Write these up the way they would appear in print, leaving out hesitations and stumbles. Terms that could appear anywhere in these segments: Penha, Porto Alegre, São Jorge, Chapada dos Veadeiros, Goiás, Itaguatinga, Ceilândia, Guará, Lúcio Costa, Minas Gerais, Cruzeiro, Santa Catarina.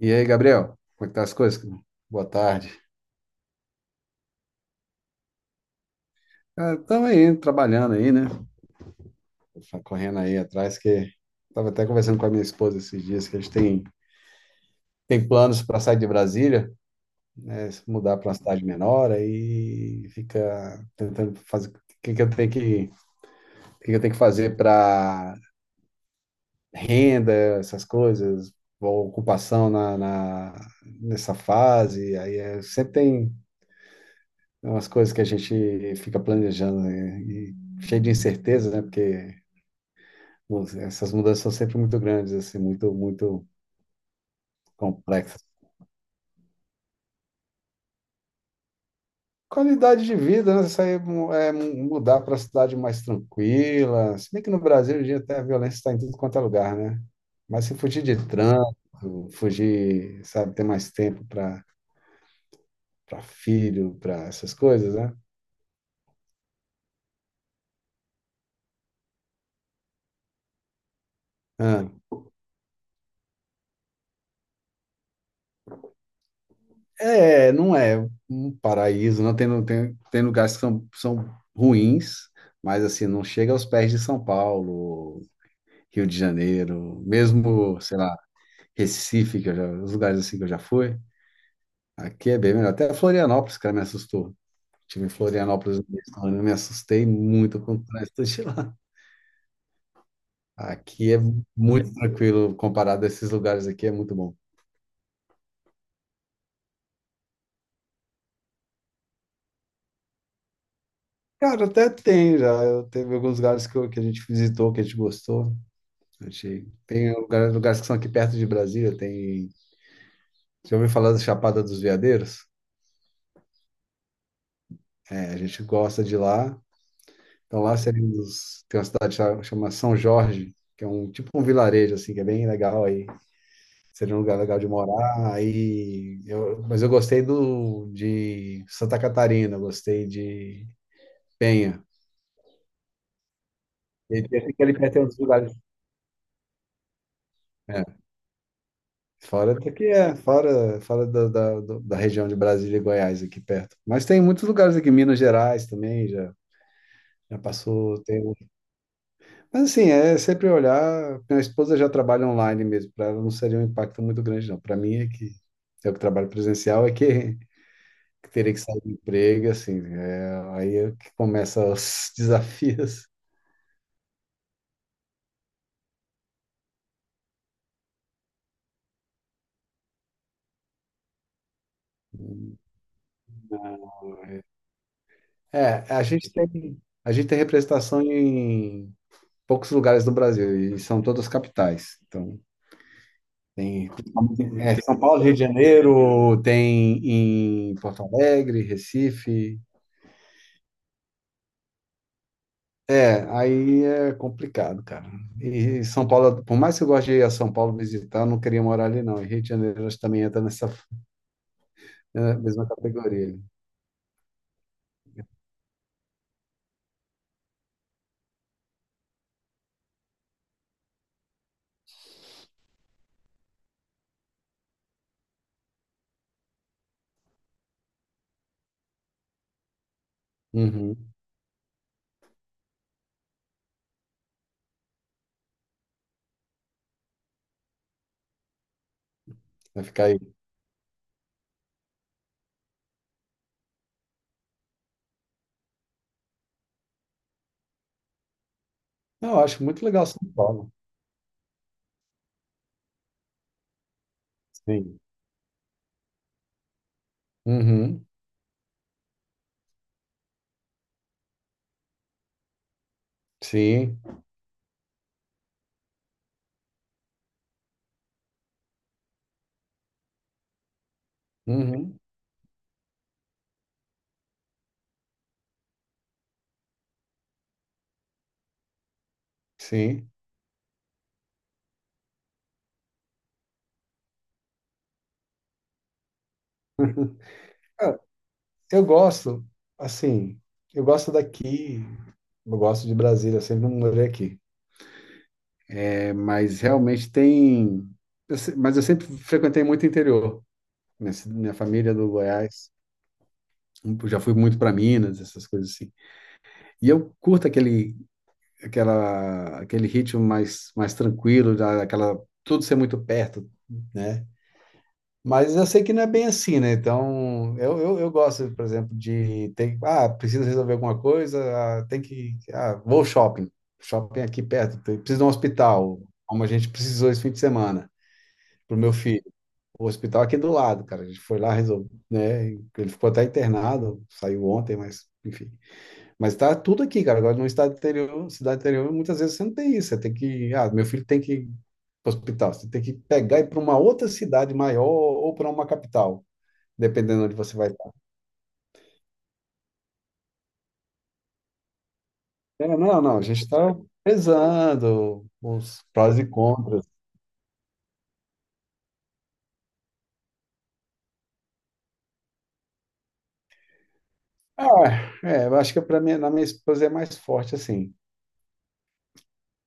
E aí, Gabriel, como é que tá as coisas? Boa tarde. Cara, estamos aí, trabalhando aí, né? Tá correndo aí atrás, que estava até conversando com a minha esposa esses dias, que a gente tem planos para sair de Brasília, né? Se mudar para uma cidade menor, aí fica tentando fazer o que que eu tenho que fazer para renda, essas coisas, ou ocupação nessa fase. Aí é, sempre tem é umas coisas que a gente fica planejando, né? E cheio de incerteza, né? Porque nossa, essas mudanças são sempre muito grandes, assim, muito, muito complexas. Qualidade de vida, né? Isso aí é mudar para cidade mais tranquila. Se bem que no Brasil, hoje em dia, até a violência está em tudo quanto é lugar, né? Mas se fugir de trânsito, fugir, sabe, ter mais tempo para para filho, para essas coisas, né? Ah. É, não é um paraíso, não tem, tem lugares que são, são ruins, mas assim, não chega aos pés de São Paulo, Rio de Janeiro, mesmo, sei lá, Recife, que eu já, os lugares assim que eu já fui, aqui é bem melhor. Até Florianópolis, cara, me assustou. Estive em Florianópolis, eu me assustei muito com o trânsito de lá. Aqui é muito tranquilo comparado a esses lugares aqui, é muito bom. Cara, até tem já. Teve alguns lugares que a gente visitou, que a gente gostou. Achei. Tem lugares que são aqui perto de Brasília, tem. Já ouviu falar da Chapada dos Veadeiros? É, a gente gosta de lá. Então lá seria um dos. Tem uma cidade chama São Jorge, que é um tipo um vilarejo assim, que é bem legal aí. Seria um lugar legal de morar. Aí eu, mas eu gostei do de Santa Catarina, eu gostei de Penha. Ele fica ali perto de uns lugares. É, fora daqui é, fora, fora da da região de Brasília e Goiás, aqui perto. Mas tem muitos lugares aqui, Minas Gerais também, já, já passou, tem. Mas assim, é sempre olhar. Minha esposa já trabalha online mesmo, para ela não seria um impacto muito grande, não. Para mim é que eu que trabalho presencial é que teria que sair do emprego, assim, é, aí é que começa os desafios. É, a gente tem representação em poucos lugares do Brasil, e são todas capitais. Então, tem, é, São Paulo, Rio de Janeiro, tem em Porto Alegre, Recife. É, aí é complicado, cara. E São Paulo, por mais que eu goste de ir a São Paulo visitar, eu não queria morar ali, não. E Rio de Janeiro acho que também entra nessa é, mesma categoria. Uhum. Vai ficar aí. Não, eu acho muito legal São Paulo. Sim. Uhum. Sim. Uhum. Sim. Cara, eu gosto, assim, eu gosto daqui, eu gosto de Brasília, eu sempre morei aqui. Mas realmente tem. Eu se- Mas eu sempre frequentei muito interior. Minha, minha família é do Goiás. Eu já fui muito para Minas, essas coisas assim. E eu curto aquele, aquela, aquele ritmo mais tranquilo, aquela, tudo ser muito perto, né? Mas eu sei que não é bem assim, né? Então, eu gosto, por exemplo, de ter, ah, preciso resolver alguma coisa, ah, tem que, ah, vou ao shopping. Shopping é aqui perto, preciso de um hospital, como a gente precisou esse fim de semana, para o meu filho. O hospital aqui do lado, cara. A gente foi lá, resolveu, né? Ele ficou até internado, saiu ontem, mas enfim. Mas tá tudo aqui, cara. Agora no estado interior, cidade interior, muitas vezes você não tem isso. Você tem que, ah, meu filho tem que ir para o hospital. Você tem que pegar e ir para uma outra cidade maior ou para uma capital, dependendo onde você vai estar. É, não, não. A gente está pesando os prós e contras. Ah, é, eu acho que para mim, na minha esposa é mais forte assim.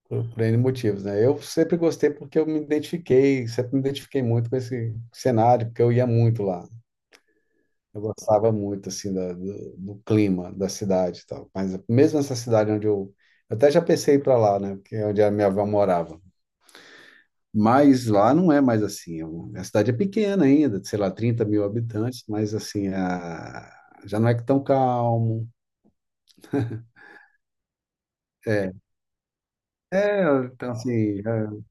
Por N motivos, né? Eu sempre gostei porque eu me identifiquei, sempre me identifiquei muito com esse cenário, porque eu ia muito lá. Eu gostava muito, assim, do, do clima da cidade e tal. Mas mesmo essa cidade onde eu... Eu até já pensei em ir para lá, né? Porque é onde a minha avó morava. Mas lá não é mais assim. A cidade é pequena ainda, sei lá, 30 mil habitantes, mas, assim, a... já não é tão calmo. É, é, então, assim... é,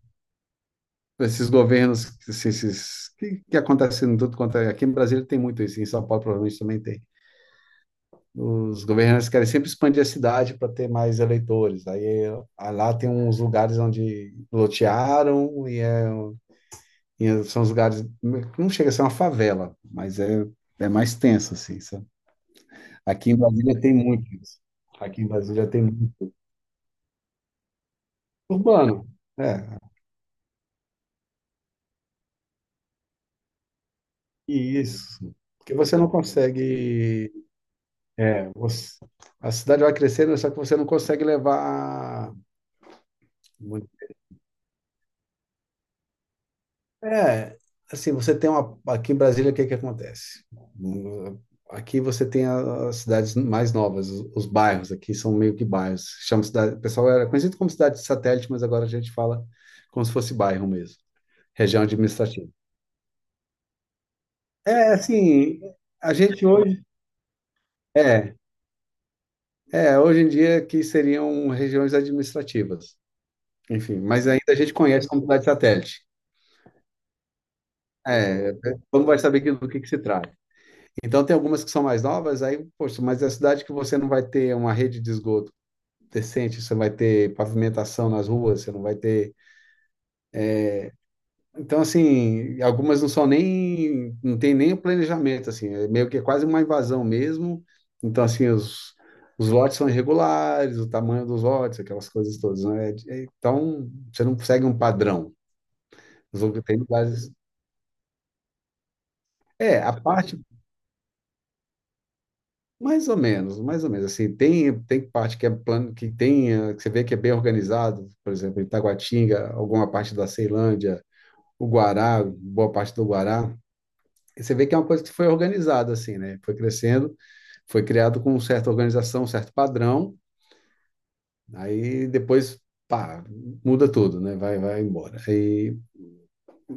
esses governos, esses que acontece em tudo quanto é. Aqui no Brasil tem muito isso, em São Paulo provavelmente também tem. Os governantes querem sempre expandir a cidade para ter mais eleitores. Aí ah, lá tem uns lugares onde lotearam e, é, e são os lugares. Não chega a ser uma favela, é mais tenso, assim, sabe? Aqui em Brasília tem muito isso. Aqui em Brasília tem muito. Urbano, é. E isso. Porque você não consegue é, você- a cidade vai crescendo, só que você não consegue levar. Muito. É, assim, você tem uma. Aqui em Brasília, o que que acontece? Hum, Aqui você tem as cidades mais novas, os bairros aqui são meio que bairros. Chama cidade, o pessoal era conhecido como cidade de satélite, mas agora a gente fala como se fosse bairro mesmo, região administrativa. É, assim, a gente hoje. É, é, hoje em dia que seriam regiões administrativas. Enfim, mas ainda a gente conhece como cidade satélite. É, como vai saber que- do que se trata? Então, tem algumas que são mais novas, aí, poxa, mas é a cidade que você não vai ter uma rede de esgoto decente, você vai ter pavimentação nas ruas, você não vai ter. Então, assim, algumas não são nem, não tem nem o planejamento, assim, é meio que é quase uma invasão mesmo. Então, assim, os lotes são irregulares, o tamanho dos lotes, aquelas coisas todas, né? É- é, então, você não segue um padrão. Tem lugares. É, a parte mais ou menos, mais ou menos. Assim, tem parte que é plano, que tem, que você vê que é bem organizado, por exemplo, Itaguatinga, alguma parte da Ceilândia, o Guará, boa parte do Guará. E você vê que é uma coisa que foi organizada, assim, né? Foi crescendo, foi criado com certa organização, certo padrão, aí depois, pá, muda tudo, né? Vai, vai embora. Aí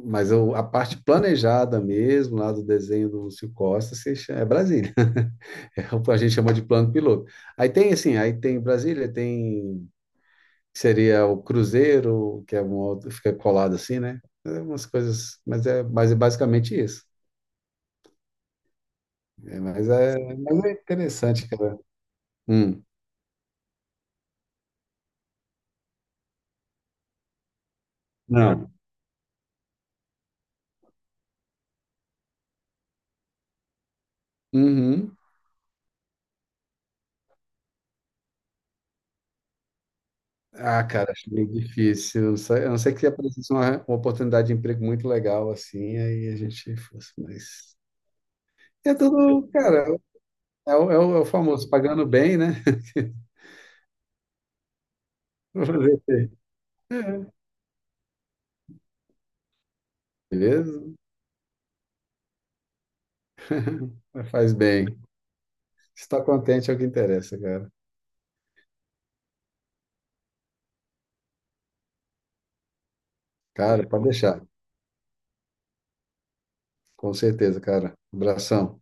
a parte planejada mesmo, lá do desenho do Lúcio Costa, se chama- é Brasília. É o que a gente chama de plano piloto. Aí tem assim, aí tem Brasília, tem que seria o Cruzeiro, que é uma outra, fica colado assim, né? É umas coisas, mas é basicamente isso. É, mas, é, mas é interessante, cara. Hum, não. Uhum. Ah, cara, acho meio difícil. Não sei- a não ser que aparecesse uma oportunidade de emprego muito legal, assim, aí a gente fosse, mas. É tudo, cara, é o, é o famoso pagando bem, né? Fazer o é, beleza? Faz bem. Estar contente é o que interessa, cara. Cara, pode deixar. Com certeza, cara. Abração.